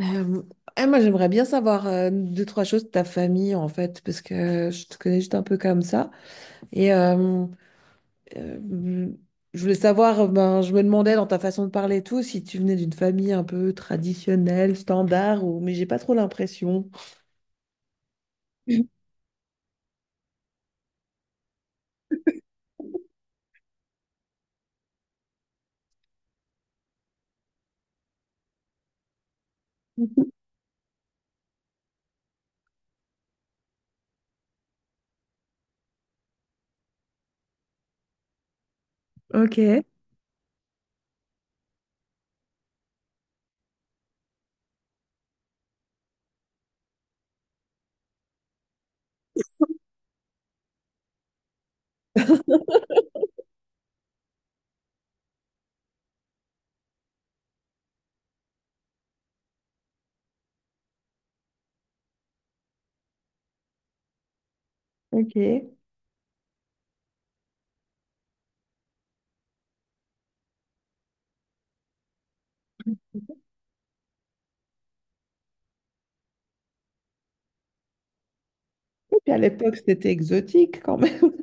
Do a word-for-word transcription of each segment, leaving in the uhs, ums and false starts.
Euh, eh, moi, j'aimerais bien savoir euh, deux, trois choses de ta famille, en fait, parce que je te connais juste un peu comme ça. Et euh, euh, je voulais savoir, euh, ben, je me demandais dans ta façon de parler et tout, si tu venais d'une famille un peu traditionnelle, standard, ou mais j'ai pas trop l'impression. Ok, ok. Et puis à l'époque, c'était exotique quand même.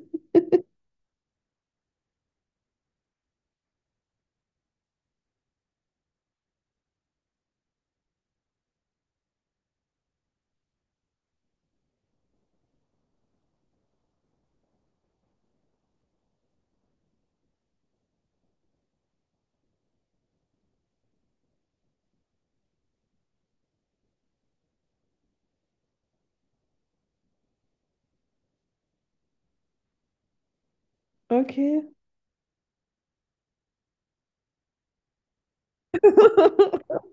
Ok.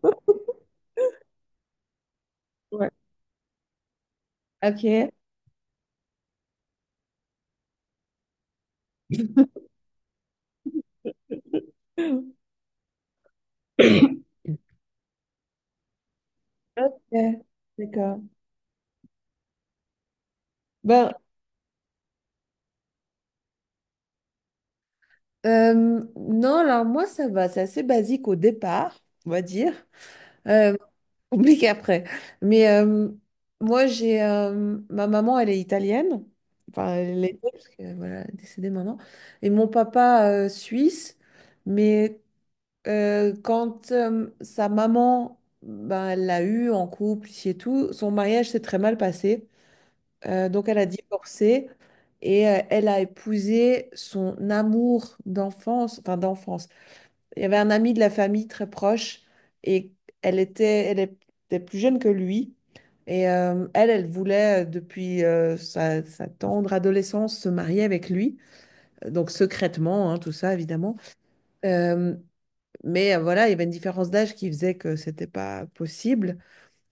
Ouais. Ok. Ok. D'accord. Ben, Euh, non, alors moi, ça va, c'est assez basique au départ, on va dire, euh, compliqué après. Mais euh, moi, j'ai euh, ma maman, elle est italienne, enfin, elle l'était parce que voilà, elle est décédée maintenant, et mon papa euh, suisse. Mais euh, quand euh, sa maman, ben, elle l'a eu en couple ici et tout, son mariage s'est très mal passé. Euh, donc elle a divorcé. Et euh, elle a épousé son amour d'enfance, enfin d'enfance, il y avait un ami de la famille très proche et elle était, elle était plus jeune que lui. Et euh, elle, elle voulait euh, depuis euh, sa, sa tendre adolescence se marier avec lui. Euh, donc secrètement, hein, tout ça évidemment. Euh, mais euh, voilà, il y avait une différence d'âge qui faisait que c'était pas possible,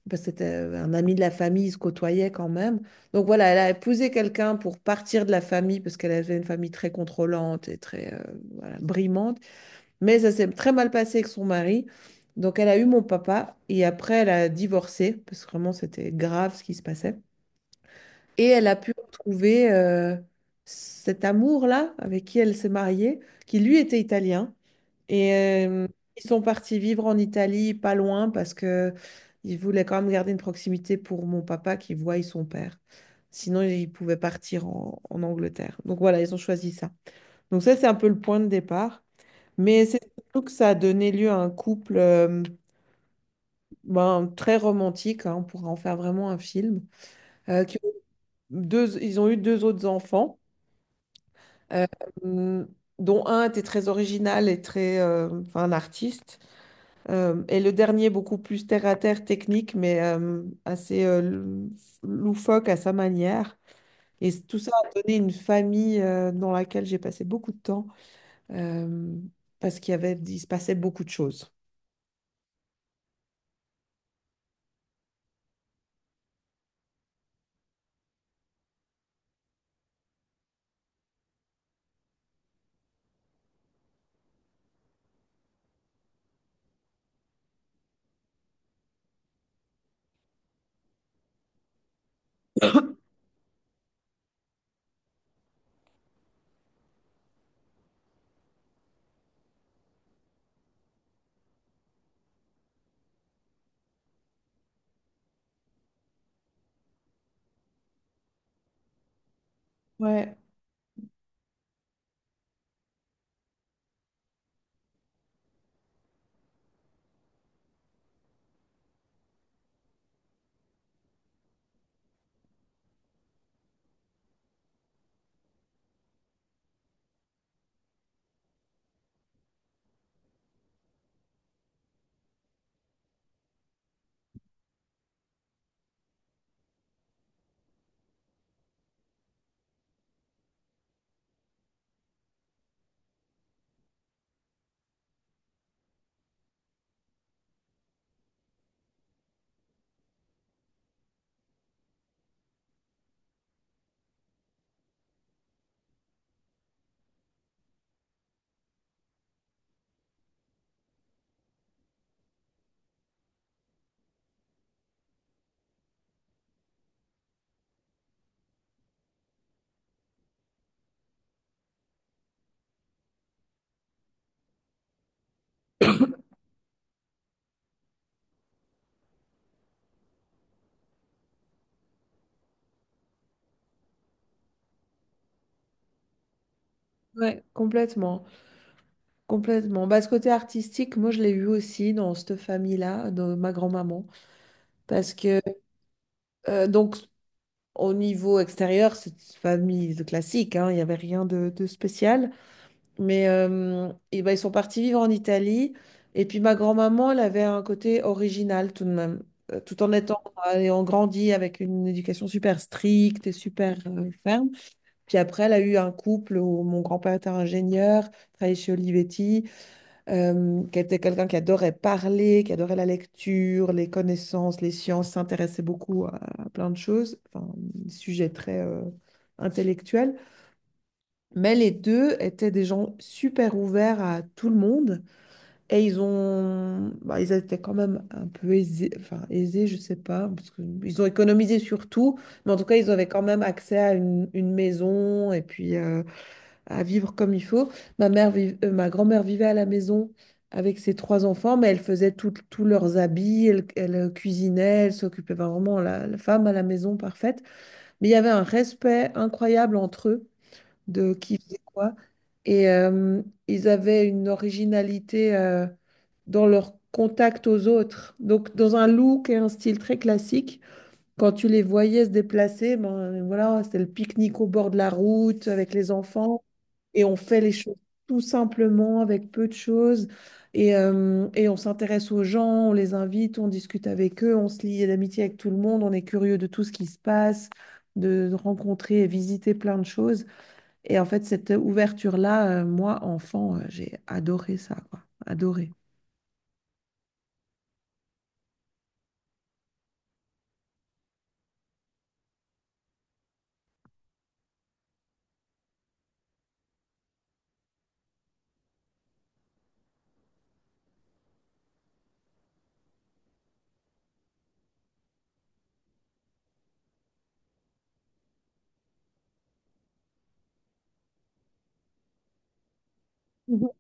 parce que c'était euh, un ami de la famille, ils se côtoyaient quand même. Donc voilà, elle a épousé quelqu'un pour partir de la famille, parce qu'elle avait une famille très contrôlante et très euh, voilà, brimante. Mais ça s'est très mal passé avec son mari. Donc elle a eu mon papa et après elle a divorcé parce que vraiment c'était grave ce qui se passait. Et elle a pu retrouver euh, cet amour-là avec qui elle s'est mariée, qui lui était italien. Et euh, ils sont partis vivre en Italie, pas loin, parce que ils voulaient quand même garder une proximité pour mon papa qui voit son père. Sinon, ils pouvaient partir en, en Angleterre. Donc voilà, ils ont choisi ça. Donc ça, c'est un peu le point de départ. Mais c'est surtout que ça a donné lieu à un couple euh, ben, très romantique, hein, on pourrait en faire vraiment un film. euh, qui ont deux, Ils ont eu deux autres enfants, euh, dont un était très original et très, euh, enfin, un artiste, euh, et le dernier beaucoup plus terre-à-terre technique, mais euh, assez euh, lou- loufoque à sa manière. Et c- tout ça a donné une famille euh, dans laquelle j'ai passé beaucoup de temps, euh, parce qu'il y avait, il se passait beaucoup de choses. Ouais, ouais, complètement. Complètement. Bah, ce côté artistique, moi, je l'ai eu aussi dans cette famille-là, de ma grand-maman. Parce que, euh, donc, au niveau extérieur, c'est une famille de classique, hein, il n'y avait rien de, de spécial. Mais euh, et ben, ils sont partis vivre en Italie. Et puis, ma grand-maman, elle avait un côté original tout de même. Euh, Tout en étant, ayant grandi avec une éducation super stricte et super euh, ferme. Puis après, elle a eu un couple où mon grand-père était ingénieur, travaillait chez Olivetti. Euh, qui était quelqu'un qui adorait parler, qui adorait la lecture, les connaissances, les sciences, s'intéressait beaucoup à, à plein de choses, enfin, des sujets très euh, intellectuels. Mais les deux étaient des gens super ouverts à tout le monde et ils ont, bah, ils étaient quand même un peu aisés, enfin aisés, je sais pas, parce qu'ils ont économisé sur tout, mais en tout cas, ils avaient quand même accès à une, une maison et puis euh, à vivre comme il faut. Ma mère, viv- euh, ma grand-mère vivait à la maison avec ses trois enfants, mais elle faisait tout- tous leurs habits, elle, elle, euh, cuisinait, elle s'occupait vraiment la, la femme à la maison parfaite. Mais il y avait un respect incroyable entre eux de qui faisait quoi. Et euh, ils avaient une originalité euh, dans leur contact aux autres. Donc, dans un look et un style très classique, quand tu les voyais se déplacer, ben, voilà, c'était le pique-nique au bord de la route avec les enfants et on fait les choses tout simplement avec peu de choses et, euh, et on s'intéresse aux gens, on les invite, on discute avec eux, on se lie d'amitié avec tout le monde, on est curieux de tout ce qui se passe, de, de rencontrer et visiter plein de choses. Et en fait, cette ouverture-là, euh, moi, enfant, euh, j'ai adoré ça, quoi. Adoré. Mhm.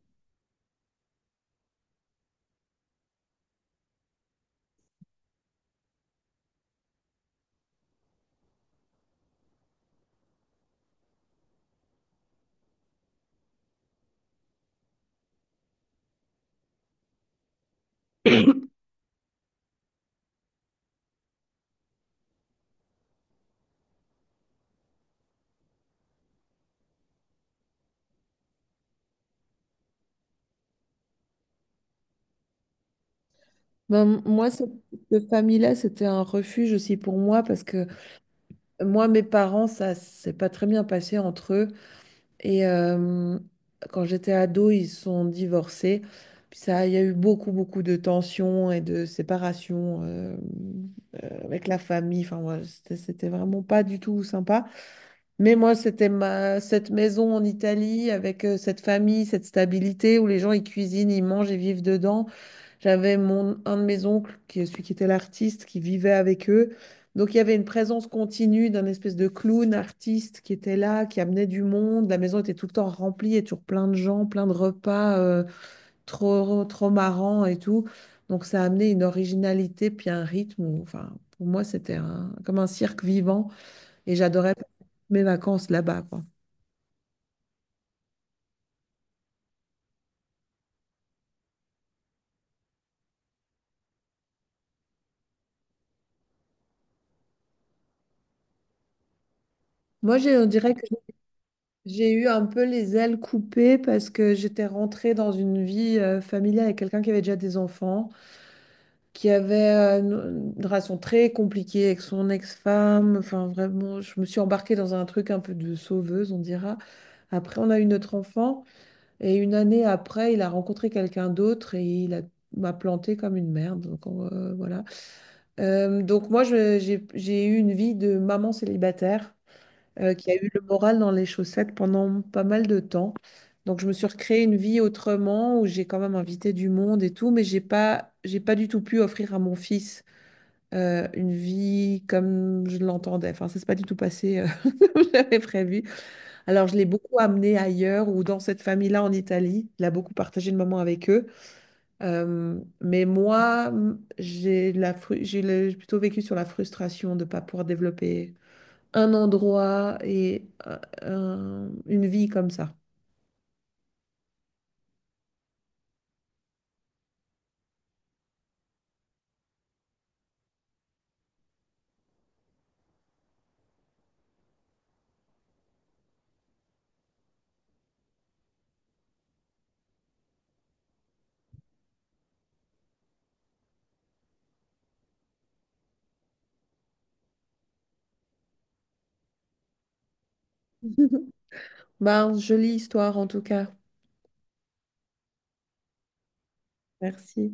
Ben, moi, cette, cette famille-là, c'était un refuge aussi pour moi parce que moi, mes parents, ça s'est pas très bien passé entre eux. Et euh, quand j'étais ado, ils se sont divorcés. Puis ça, il y a eu beaucoup, beaucoup de tensions et de séparations euh, avec la famille. Enfin, voilà, c'était c'était vraiment pas du tout sympa. Mais moi, c'était ma, cette maison en Italie avec euh, cette famille, cette stabilité où les gens, ils cuisinent, ils mangent, ils vivent dedans. J'avais mon, un de mes oncles, qui est celui qui était l'artiste, qui vivait avec eux. Donc il y avait une présence continue d'un espèce de clown artiste qui était là, qui amenait du monde. La maison était tout le temps remplie, il y avait toujours plein de gens, plein de repas, euh, trop, trop marrants et tout. Donc ça a amené une originalité, puis un rythme. où, Enfin, pour moi, c'était un- comme un cirque vivant et j'adorais mes vacances là-bas, quoi. Moi, j'ai- on dirait que j'ai eu un peu les ailes coupées parce que j'étais rentrée dans une vie euh, familiale avec quelqu'un qui avait déjà des enfants, qui avait euh, une, une relation très compliquée avec son ex-femme. Enfin, vraiment, je me suis embarquée dans un truc un peu de sauveuse, on dira. Après, on a eu notre enfant et une année après, il a rencontré quelqu'un d'autre et il a- m'a plantée comme une merde. Donc, euh, voilà. Euh, donc moi, je- j'ai j'ai eu une vie de maman célibataire euh, qui a eu le moral dans les chaussettes pendant pas mal de temps. Donc je me suis recréé une vie autrement où j'ai quand même invité du monde et tout, mais j'ai pas, j'ai pas du tout pu offrir à mon fils euh, une vie comme je l'entendais. Enfin, ça s'est pas du tout passé euh, comme j'avais prévu. Alors je l'ai beaucoup amené ailleurs ou dans cette famille-là en Italie. Il a beaucoup partagé le moment avec eux. Euh, mais moi, m- j'ai la fru- j'ai le- j'ai plutôt vécu sur la frustration de ne pas pouvoir développer un endroit et un- un- une vie comme ça. Bah, jolie histoire en tout cas. Merci.